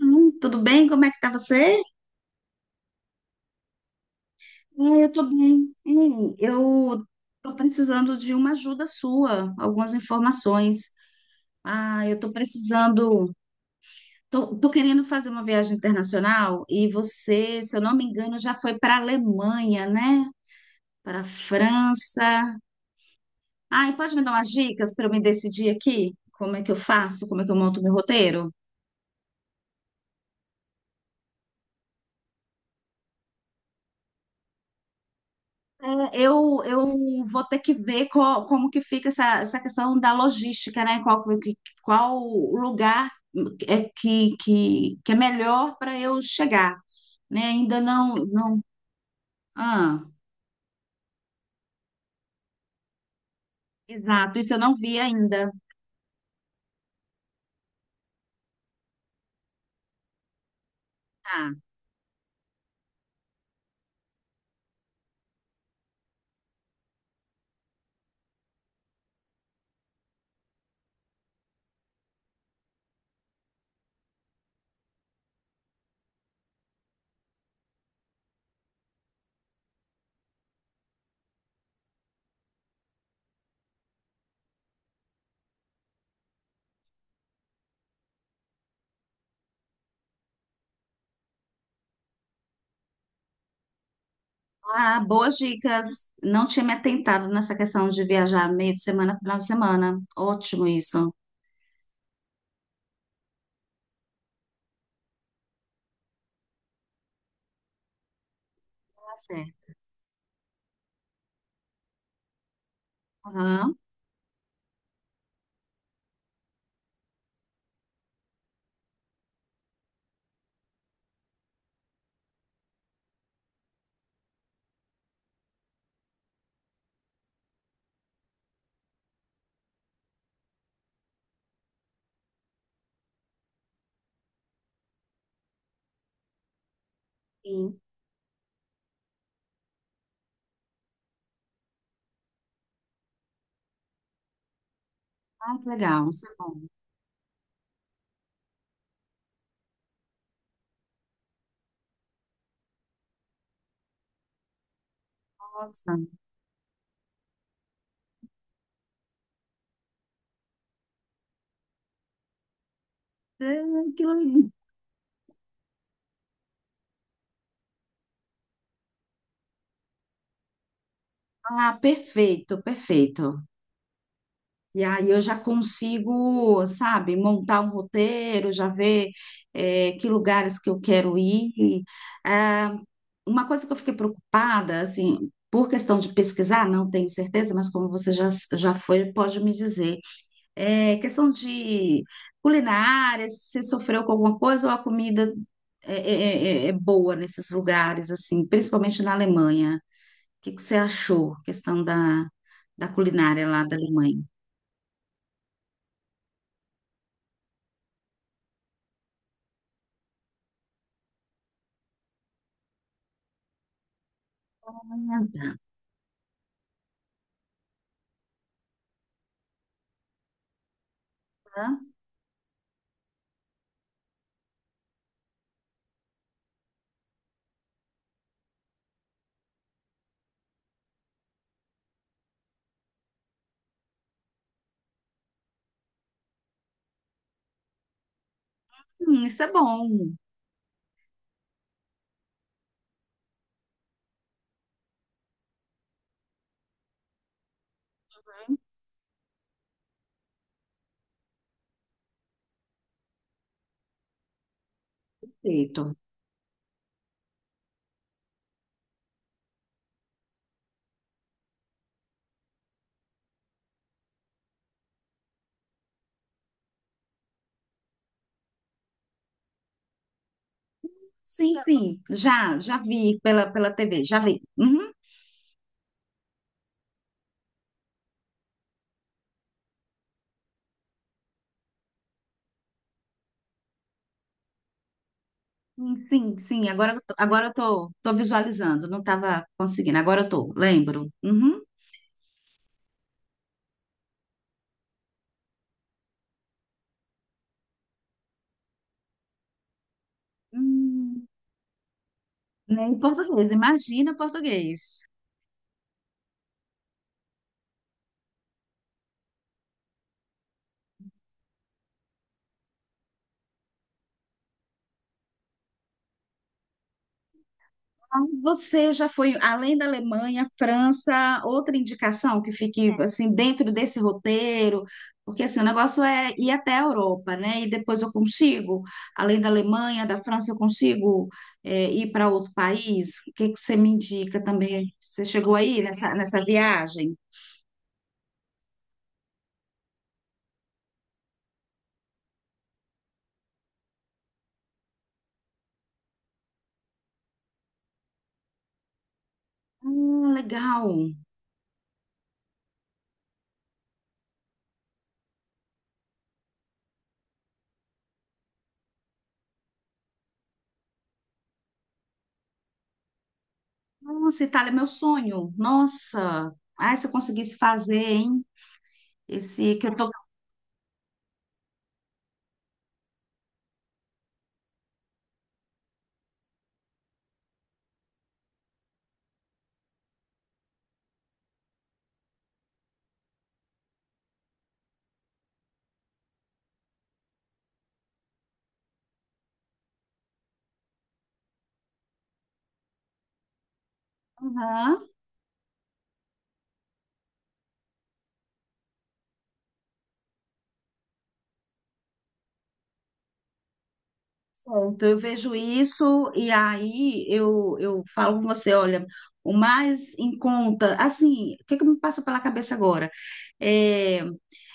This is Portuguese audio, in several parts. Tudo bem? Como é que tá você? Ah, eu tô bem. Eu tô precisando de uma ajuda sua, algumas informações. Ah, eu tô precisando. Tô querendo fazer uma viagem internacional e você, se eu não me engano, já foi para a Alemanha, né? Para a França. Ah, e pode me dar umas dicas para eu me decidir aqui? Como é que eu faço? Como é que eu monto meu roteiro? É, eu vou ter que ver como que fica essa questão da logística, né? Qual lugar é que, que é melhor para eu chegar, né? Ainda não... Ah, exato, isso eu não vi ainda. Tá. Ah, boas dicas. Não tinha me atentado nessa questão de viajar meio de semana, final de semana. Ótimo isso. Tá certo. Aham, sim. Ah, que legal, isso é bom. Nossa. Ah, que legal. Ah, perfeito, perfeito. E aí eu já consigo, sabe, montar um roteiro, já ver que lugares que eu quero ir. Ah, uma coisa que eu fiquei preocupada, assim, por questão de pesquisar, não tenho certeza, mas como você já foi, pode me dizer. É questão de culinária, se sofreu com alguma coisa ou a comida é, é- é boa nesses lugares, assim, principalmente na Alemanha. O que que você achou, questão da culinária lá da Alemanha? Ah, isso é bom. Perfeito. Sim, sim. Já vi pela TV, já vi. Uhum. Sim, sim. Agora, agora eu tô visualizando. Não estava conseguindo. Agora eu tô, lembro. Uhum. Hum, né, em português, imagina português. Ah, você já foi além da Alemanha, França, outra indicação que fique assim dentro desse roteiro, porque assim, o negócio é ir até a Europa, né? E depois eu consigo, além da Alemanha, da França, eu consigo ir para outro país. O que que você me indica também? Você chegou aí nessa viagem? Ah, legal. Nossa, Itália é meu sonho. Nossa. Ai, se eu conseguisse fazer, hein? Esse que eu tô. Aham. Pronto, eu vejo isso e aí eu falo com você, olha, o mais em conta, assim, o que é que me passa pela cabeça agora? É,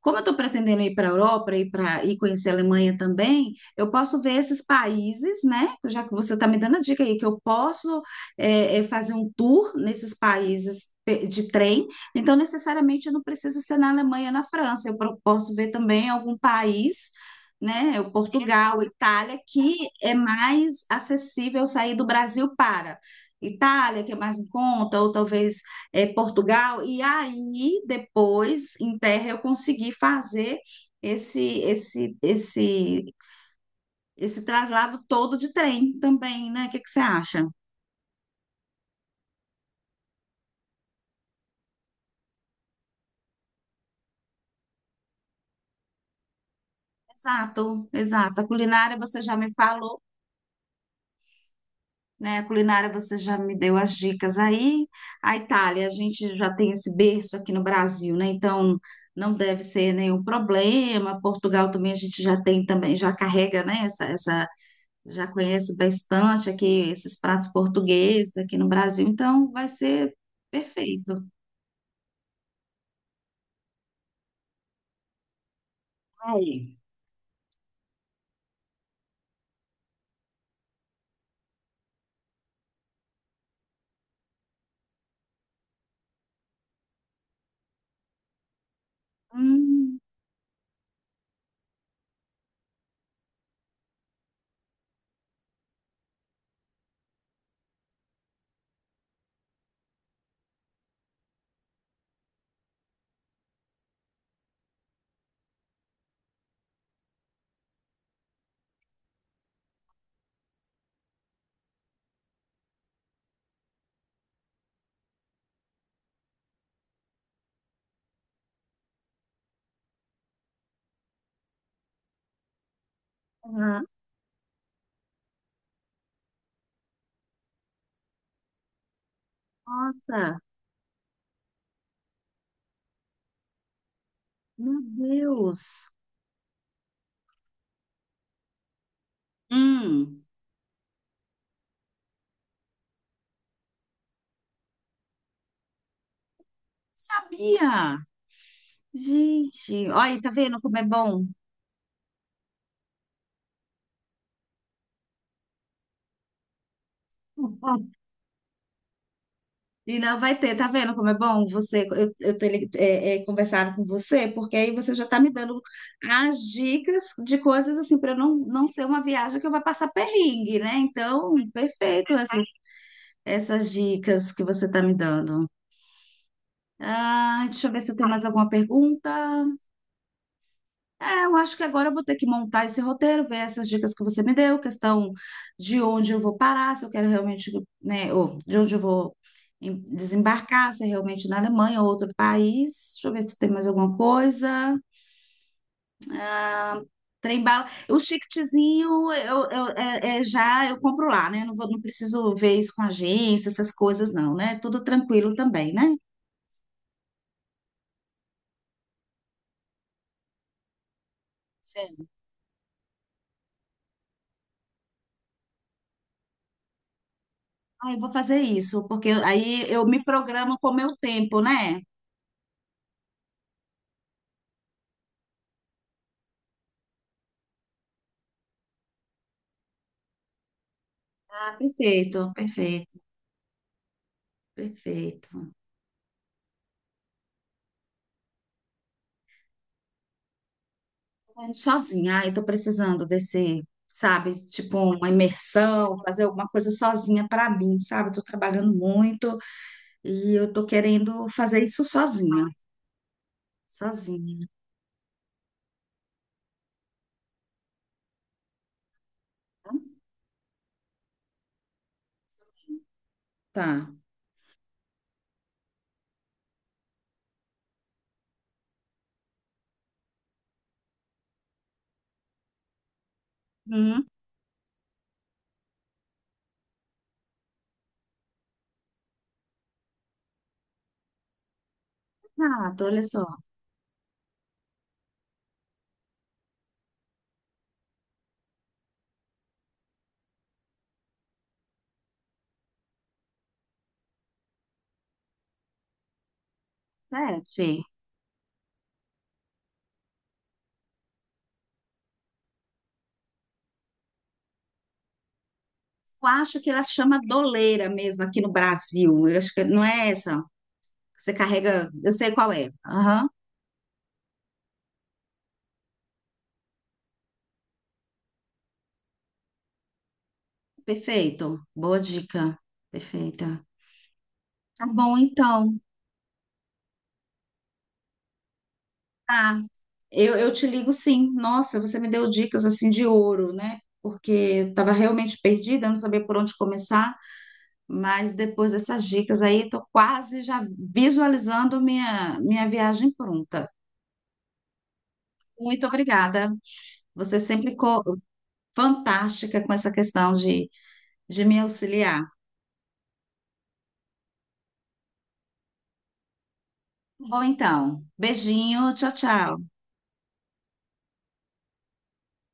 como eu estou pretendendo ir para a Europa e para e conhecer a Alemanha também, eu posso ver esses países, né? Já que você está me dando a dica aí que eu posso fazer um tour nesses países de trem, então necessariamente eu não preciso ser na Alemanha, na França. Posso ver também algum país, né? O Portugal, Itália, que é mais acessível sair do Brasil para Itália, que é mais em conta, ou talvez Portugal, e aí depois, em terra, eu consegui fazer esse, esse, esse, esse traslado todo de trem também, né? O que que você acha? Exato, exato. A culinária você já me falou, né? A culinária você já me deu as dicas aí. A Itália, a gente já tem esse berço aqui no Brasil, né? Então não deve ser nenhum problema. Portugal também a gente já tem também, já carrega, né? Essa já conhece bastante aqui esses pratos portugueses aqui no Brasil, então vai ser perfeito. Ai, hum, ah, nossa, meu Deus. Hum, sabia. Gente, olha, aí, tá vendo como é bom? E não vai ter, tá vendo como é bom você, eu ter conversado com você, porque aí você já tá me dando as dicas de coisas assim, para não ser uma viagem que eu vou passar perrengue, né? Então, perfeito, essas dicas que você está me dando. Ah, deixa eu ver se eu tenho mais alguma pergunta. É, eu acho que agora eu vou ter que montar esse roteiro, ver essas dicas que você me deu, questão de onde eu vou parar, se eu quero realmente, né, ou de onde eu vou desembarcar, se é realmente na Alemanha ou outro país. Deixa eu ver se tem mais alguma coisa. Trem bala. O chiquetezinho já eu compro lá, né? Não vou, não preciso ver isso com agência, essas coisas não, né? Tudo tranquilo também, né? Ah, eu vou fazer isso, porque aí eu me programo com o meu tempo, né? Ah, perfeito. Sozinha, ai, tô precisando desse, sabe, tipo uma imersão, fazer alguma coisa sozinha para mim, sabe? Tô trabalhando muito e eu tô querendo fazer isso sozinha, sozinha. Tá. Hum, exato, olha só. Sete. Eu acho que ela chama doleira mesmo aqui no Brasil. Eu acho que não é essa. Você carrega, eu sei qual é. Aham. Perfeito. Boa dica. Perfeita. Tá bom, então. Tá. Eu te ligo sim. Nossa, você me deu dicas assim de ouro, né? Porque eu estava realmente perdida, eu não sabia por onde começar, mas depois dessas dicas aí, estou quase já visualizando minha viagem pronta. Muito obrigada. Você sempre ficou fantástica com essa questão de me auxiliar. Tá bom, então, beijinho, tchau, tchau.